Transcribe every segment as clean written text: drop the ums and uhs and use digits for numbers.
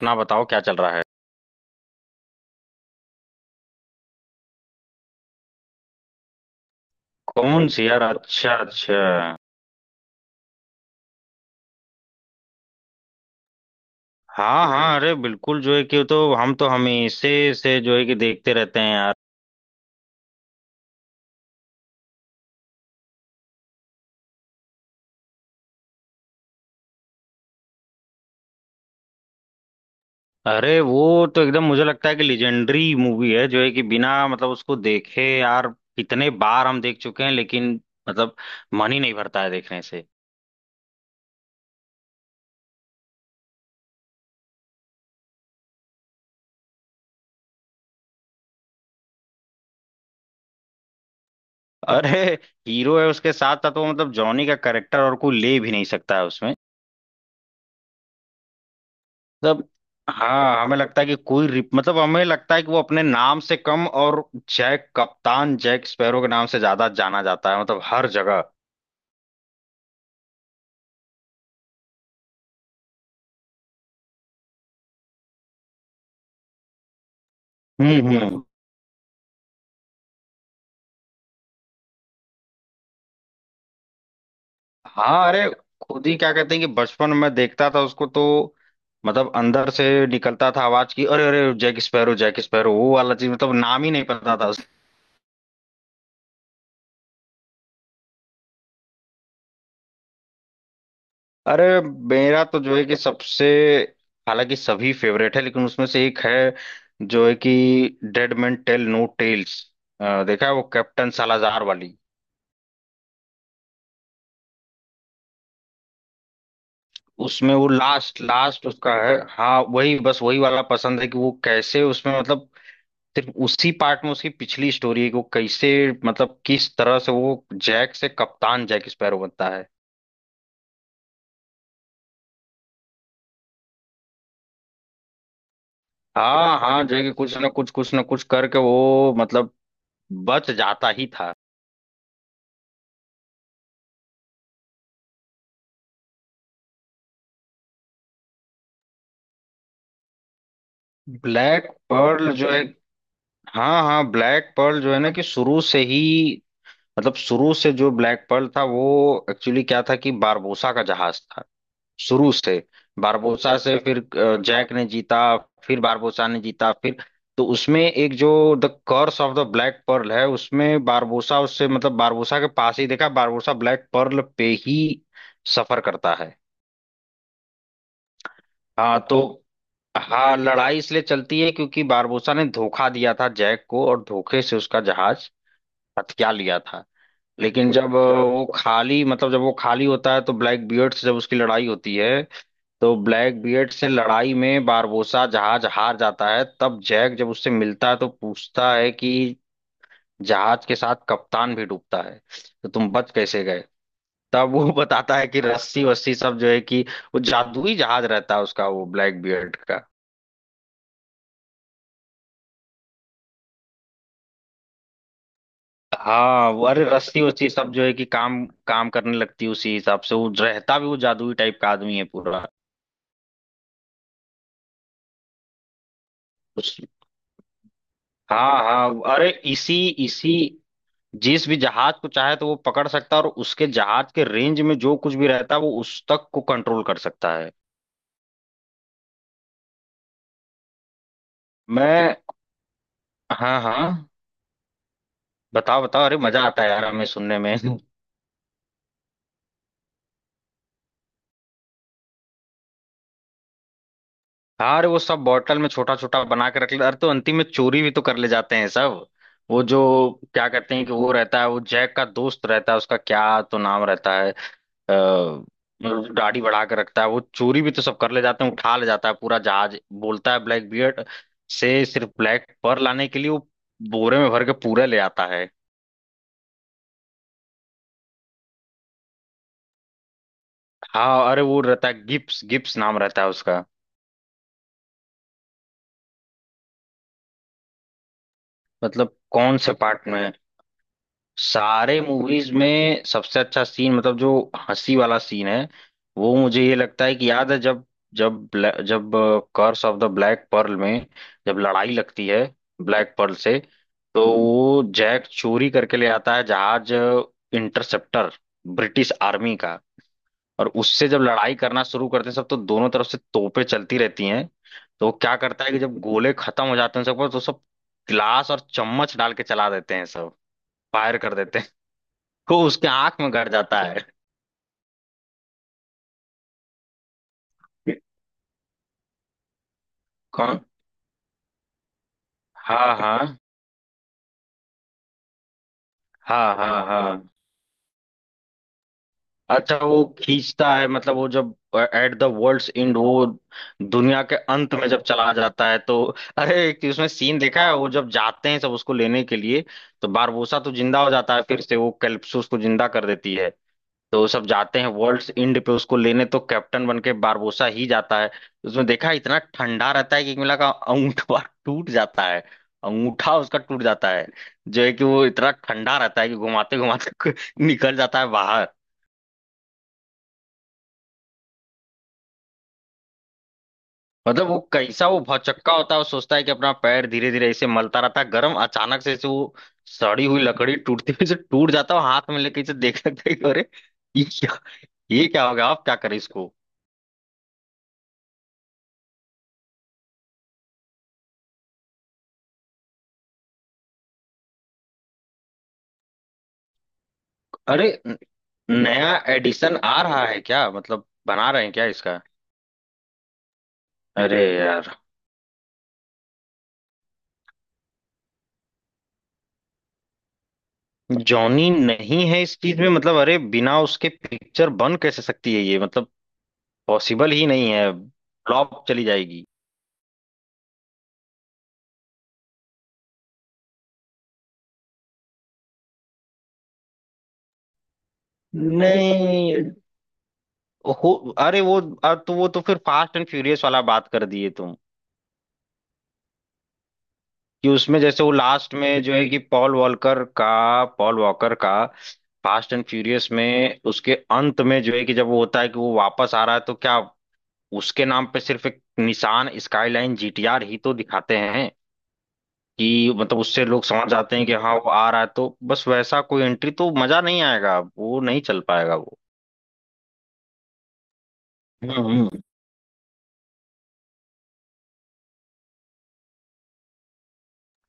अपना बताओ, क्या चल रहा है। कौन सी यार? अच्छा अच्छा। हाँ हाँ, अरे बिल्कुल, जो है कि तो हम तो हमेशा से जो है कि देखते रहते हैं यार। अरे वो तो एकदम मुझे लगता है कि लेजेंडरी मूवी है, जो है कि बिना मतलब उसको देखे यार कितने बार हम देख चुके हैं, लेकिन मतलब मन ही नहीं भरता है देखने से। अरे हीरो है, उसके साथ था तो मतलब जॉनी का करेक्टर और कोई ले भी नहीं सकता है उसमें। मतलब हाँ, हमें लगता है कि कोई रिप मतलब हमें लगता है कि वो अपने नाम से कम और जैक, कप्तान जैक स्पैरो के नाम से ज्यादा जाना जाता है, मतलब हर जगह। हम्म। हाँ अरे, खुद ही क्या कहते हैं कि बचपन में देखता था उसको तो मतलब अंदर से निकलता था आवाज की, अरे अरे जैक स्पैरो वो वाला चीज, मतलब नाम ही नहीं पता था। अरे मेरा तो जो है कि सबसे, हालांकि सभी फेवरेट है लेकिन उसमें से एक है जो है कि dead man tell no tales. देखा है वो कैप्टन सालाजार वाली? उसमें वो लास्ट लास्ट उसका है। हाँ वही, बस वही वाला पसंद है कि वो कैसे उसमें मतलब सिर्फ उसी पार्ट में उसकी पिछली स्टोरी है कि वो कैसे, मतलब किस तरह से वो जैक से कप्तान जैक स्पैरो बनता है। हाँ हाँ, जो है कि कुछ ना कुछ करके वो मतलब बच जाता ही था। ब्लैक पर्ल जो है हाँ हाँ, ब्लैक पर्ल जो है ना, कि शुरू से ही मतलब शुरू से जो ब्लैक पर्ल था वो एक्चुअली क्या था कि बारबोसा का जहाज था शुरू से। बारबोसा से फिर जैक ने जीता, फिर बारबोसा ने जीता, फिर तो उसमें एक जो the curse of the Black Pearl है उसमें बारबोसा उससे मतलब बारबोसा के पास ही देखा, बारबोसा ब्लैक पर्ल पे ही सफर करता है। हाँ तो हाँ, लड़ाई इसलिए चलती है क्योंकि बारबोसा ने धोखा दिया था जैक को और धोखे से उसका जहाज हथिया लिया था। लेकिन जब वो खाली मतलब जब वो खाली होता है तो ब्लैक बियर्ड से जब उसकी लड़ाई होती है तो ब्लैक बियर्ड से लड़ाई में बारबोसा जहाज हार जाता है, तब जैक जब उससे मिलता है तो पूछता है कि जहाज के साथ कप्तान भी डूबता है, तो तुम बच कैसे गए। तब वो बताता है कि रस्सी वस्सी सब जो है कि वो जादुई जहाज रहता है उसका, वो ब्लैक बियर्ड का। हाँ वो, अरे रस्सी वस्सी सब जो है कि काम काम करने लगती है उसी हिसाब से, वो रहता भी वो जादुई टाइप का आदमी है पूरा। हाँ हाँ, अरे इसी इसी जिस भी जहाज को चाहे तो वो पकड़ सकता है, और उसके जहाज के रेंज में जो कुछ भी रहता है वो उस तक को कंट्रोल कर सकता है। मैं हाँ हाँ, बताओ बताओ, अरे मजा आता है यार हमें सुनने में। हाँ अरे, वो सब बॉटल में छोटा छोटा बना के रख ले, अरे तो अंतिम में चोरी भी तो कर ले जाते हैं सब। वो जो क्या कहते हैं कि वो रहता है, वो जैक का दोस्त रहता है, उसका क्या तो नाम रहता है। अ, मतलब दाढ़ी बढ़ा के रखता है वो, चोरी भी तो सब कर ले जाते हैं, उठा ले जाता है पूरा जहाज। बोलता है ब्लैक बियर्ड से, सिर्फ ब्लैक पर लाने के लिए वो बोरे में भर के पूरा ले आता है। हाँ अरे, वो रहता है गिप्स, गिप्स नाम रहता है उसका। मतलब कौन से पार्ट में, सारे मूवीज में सबसे अच्छा सीन, मतलब जो हंसी वाला सीन है वो मुझे ये लगता है कि याद है, जब जब जब curse of the Black Pearl में जब लड़ाई लगती है ब्लैक पर्ल से, तो वो जैक चोरी करके ले आता है जहाज, इंटरसेप्टर, ब्रिटिश आर्मी का। और उससे जब लड़ाई करना शुरू करते हैं सब, तो दोनों तरफ से तोपें चलती रहती हैं। तो वो क्या करता है कि जब गोले खत्म हो जाते हैं सबको तो सब गिलास और चम्मच डाल के चला देते हैं सब, फायर कर देते हैं, को उसके आंख में गड़ जाता है। कौन? हाँ हाँ। हाँ हाँ हाँ। अच्छा, वो खींचता है मतलब वो जब एट द वर्ल्ड्स एंड, वो दुनिया के अंत में जब चला जाता है तो अरे एक उसमें सीन देखा है, वो जब जाते हैं सब उसको लेने के लिए तो बारबोसा तो जिंदा हो जाता है फिर से, वो कैलिप्सो उसको जिंदा कर देती है। तो वो सब जाते हैं वर्ल्ड्स एंड पे उसको लेने तो कैप्टन बन के बारबोसा ही जाता है। उसमें देखा इतना ठंडा रहता है कि मिला का अंगूठा बार टूट जाता है, अंगूठा उसका टूट जाता है, जो है कि वो इतना ठंडा रहता है कि घुमाते घुमाते निकल जाता है बाहर। मतलब वो कैसा, वो भौचक्का होता है, वो सोचता है कि अपना पैर धीरे धीरे ऐसे मलता रहता है गर्म, अचानक से ऐसे वो सड़ी हुई लकड़ी टूटती हुई से टूट जाता है, वो हाथ में लेके इसे देख सकता है कि अरे ये क्या, ये क्या हो गया, आप क्या करें इसको। अरे नया एडिशन आ रहा है क्या, मतलब बना रहे हैं क्या इसका? अरे यार, जॉनी नहीं है इस चीज में मतलब अरे बिना उसके पिक्चर बन कैसे सकती है ये, मतलब पॉसिबल ही नहीं है। फ्लॉप चली जाएगी। नहीं हो। अरे वो, अब तो वो तो फिर फास्ट एंड फ्यूरियस वाला बात कर दिए तुम कि उसमें जैसे वो लास्ट में जो है कि पॉल वॉलकर का, पॉल वॉकर का फास्ट एंड फ्यूरियस में उसके अंत में जो है कि जब वो होता है कि वो वापस आ रहा है तो क्या, उसके नाम पे सिर्फ एक निसान स्काईलाइन जीटीआर ही तो दिखाते हैं कि मतलब उससे लोग समझ जाते हैं कि हाँ वो आ रहा है, तो बस वैसा कोई एंट्री तो मजा नहीं आएगा, वो नहीं चल पाएगा वो। हम्म हम्म।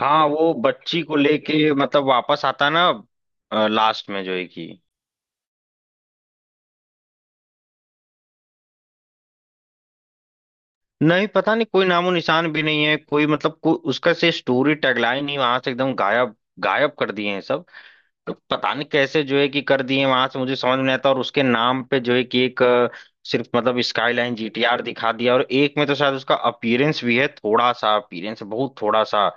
हाँ वो बच्ची को लेके मतलब वापस आता है ना लास्ट में जो है कि नहीं, पता नहीं कोई नामो निशान भी नहीं है, कोई मतलब कोई उसका से स्टोरी टैगलाइन ही वहां से एकदम गायब, गायब कर दिए हैं सब। तो पता नहीं कैसे जो है कि कर दिए वहां से, मुझे समझ में नहीं आता, और उसके नाम पे जो है कि एक सिर्फ मतलब स्काईलाइन जीटीआर दिखा दिया, और एक में तो शायद उसका अपीयरेंस भी है, थोड़ा सा अपीयरेंस, बहुत थोड़ा सा।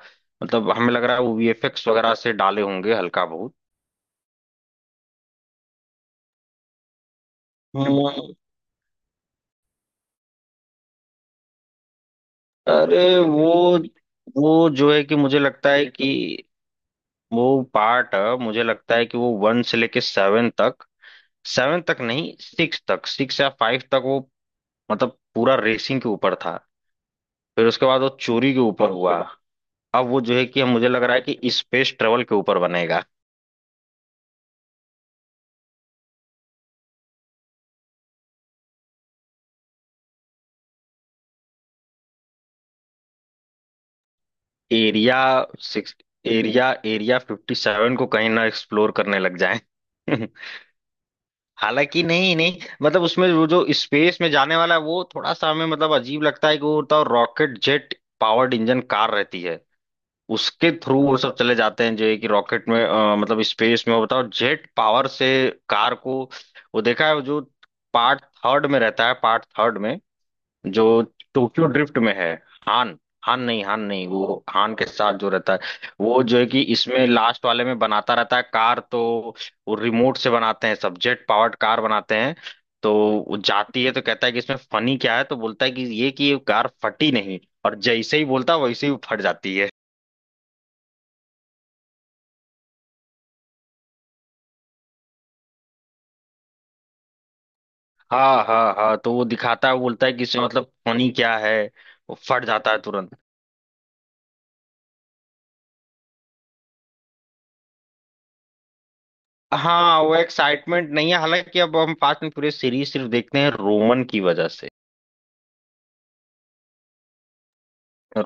मतलब हमें लग रहा है वो वीएफएक्स वगैरह से डाले होंगे हल्का बहुत। हम्म। अरे वो जो है कि मुझे लगता है कि वो पार्ट, मुझे लगता है कि वो वन से लेके सेवन तक, सेवन तक नहीं सिक्स तक, सिक्स या फाइव तक वो मतलब पूरा रेसिंग के ऊपर था। फिर उसके बाद वो चोरी के ऊपर हुआ। अब वो जो है कि मुझे लग रहा है कि स्पेस ट्रेवल के ऊपर बनेगा। एरिया सिक्स, एरिया एरिया 57 को कहीं ना एक्सप्लोर करने लग जाए। हालांकि नहीं नहीं, मतलब उसमें वो जो स्पेस में जाने वाला है वो थोड़ा सा हमें मतलब अजीब लगता है कि वो होता है rocket jet powered engine car रहती है, उसके थ्रू वो सब चले जाते हैं जो है कि रॉकेट में मतलब स्पेस में, वो बताओ जेट पावर से कार को। वो देखा है वो, जो पार्ट थर्ड में रहता है, पार्ट थर्ड में जो टोक्यो ड्रिफ्ट में है, हान, हान नहीं, हान नहीं, वो हान के साथ जो रहता है, वो जो है कि इसमें लास्ट वाले में बनाता रहता है कार, तो वो रिमोट से बनाते हैं सब, जेट पावर्ड कार बनाते हैं, तो वो जाती है तो कहता है कि इसमें फनी क्या है, तो बोलता है कि ये कार फटी नहीं, और जैसे ही बोलता है वैसे ही वो फट जाती है। हाँ हाँ हाँ, तो वो दिखाता है, वो बोलता है कि इसमें मतलब फनी क्या है, वो फट जाता है तुरंत। हाँ वो एक्साइटमेंट नहीं है, हालांकि अब हम फास्ट एंड पूरे सीरीज सिर्फ देखते हैं रोमन की वजह से।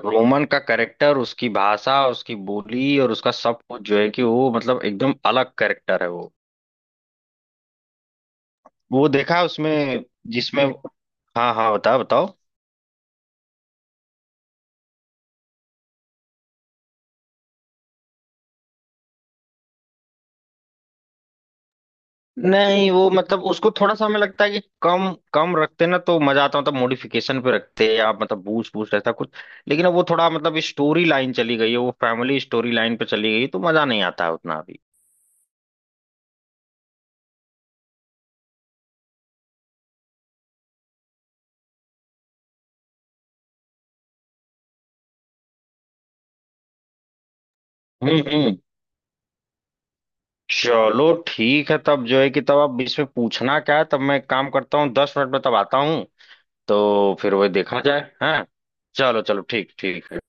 रोमन का कैरेक्टर, उसकी भाषा, उसकी बोली और उसका सब कुछ जो है कि वो मतलब एकदम अलग कैरेक्टर है वो। वो देखा है उसमें जिसमें, हाँ हाँ बताओ बताओ। नहीं वो मतलब उसको थोड़ा सा हमें लगता है कि कम कम रखते ना तो मजा आता, मतलब मॉडिफिकेशन पे रखते या मतलब बूस्ट बूस्ट ऐसा कुछ। लेकिन अब वो थोड़ा मतलब स्टोरी लाइन चली गई है वो फैमिली स्टोरी लाइन पे चली गई, तो मजा नहीं आता है उतना अभी। हम्म। चलो ठीक है, तब जो है कि तब आप इसमें पूछना क्या है, तब मैं एक काम करता हूँ, 10 मिनट में तब आता हूँ। तो फिर वही देखा जाए हैं। चलो चलो, ठीक ठीक है।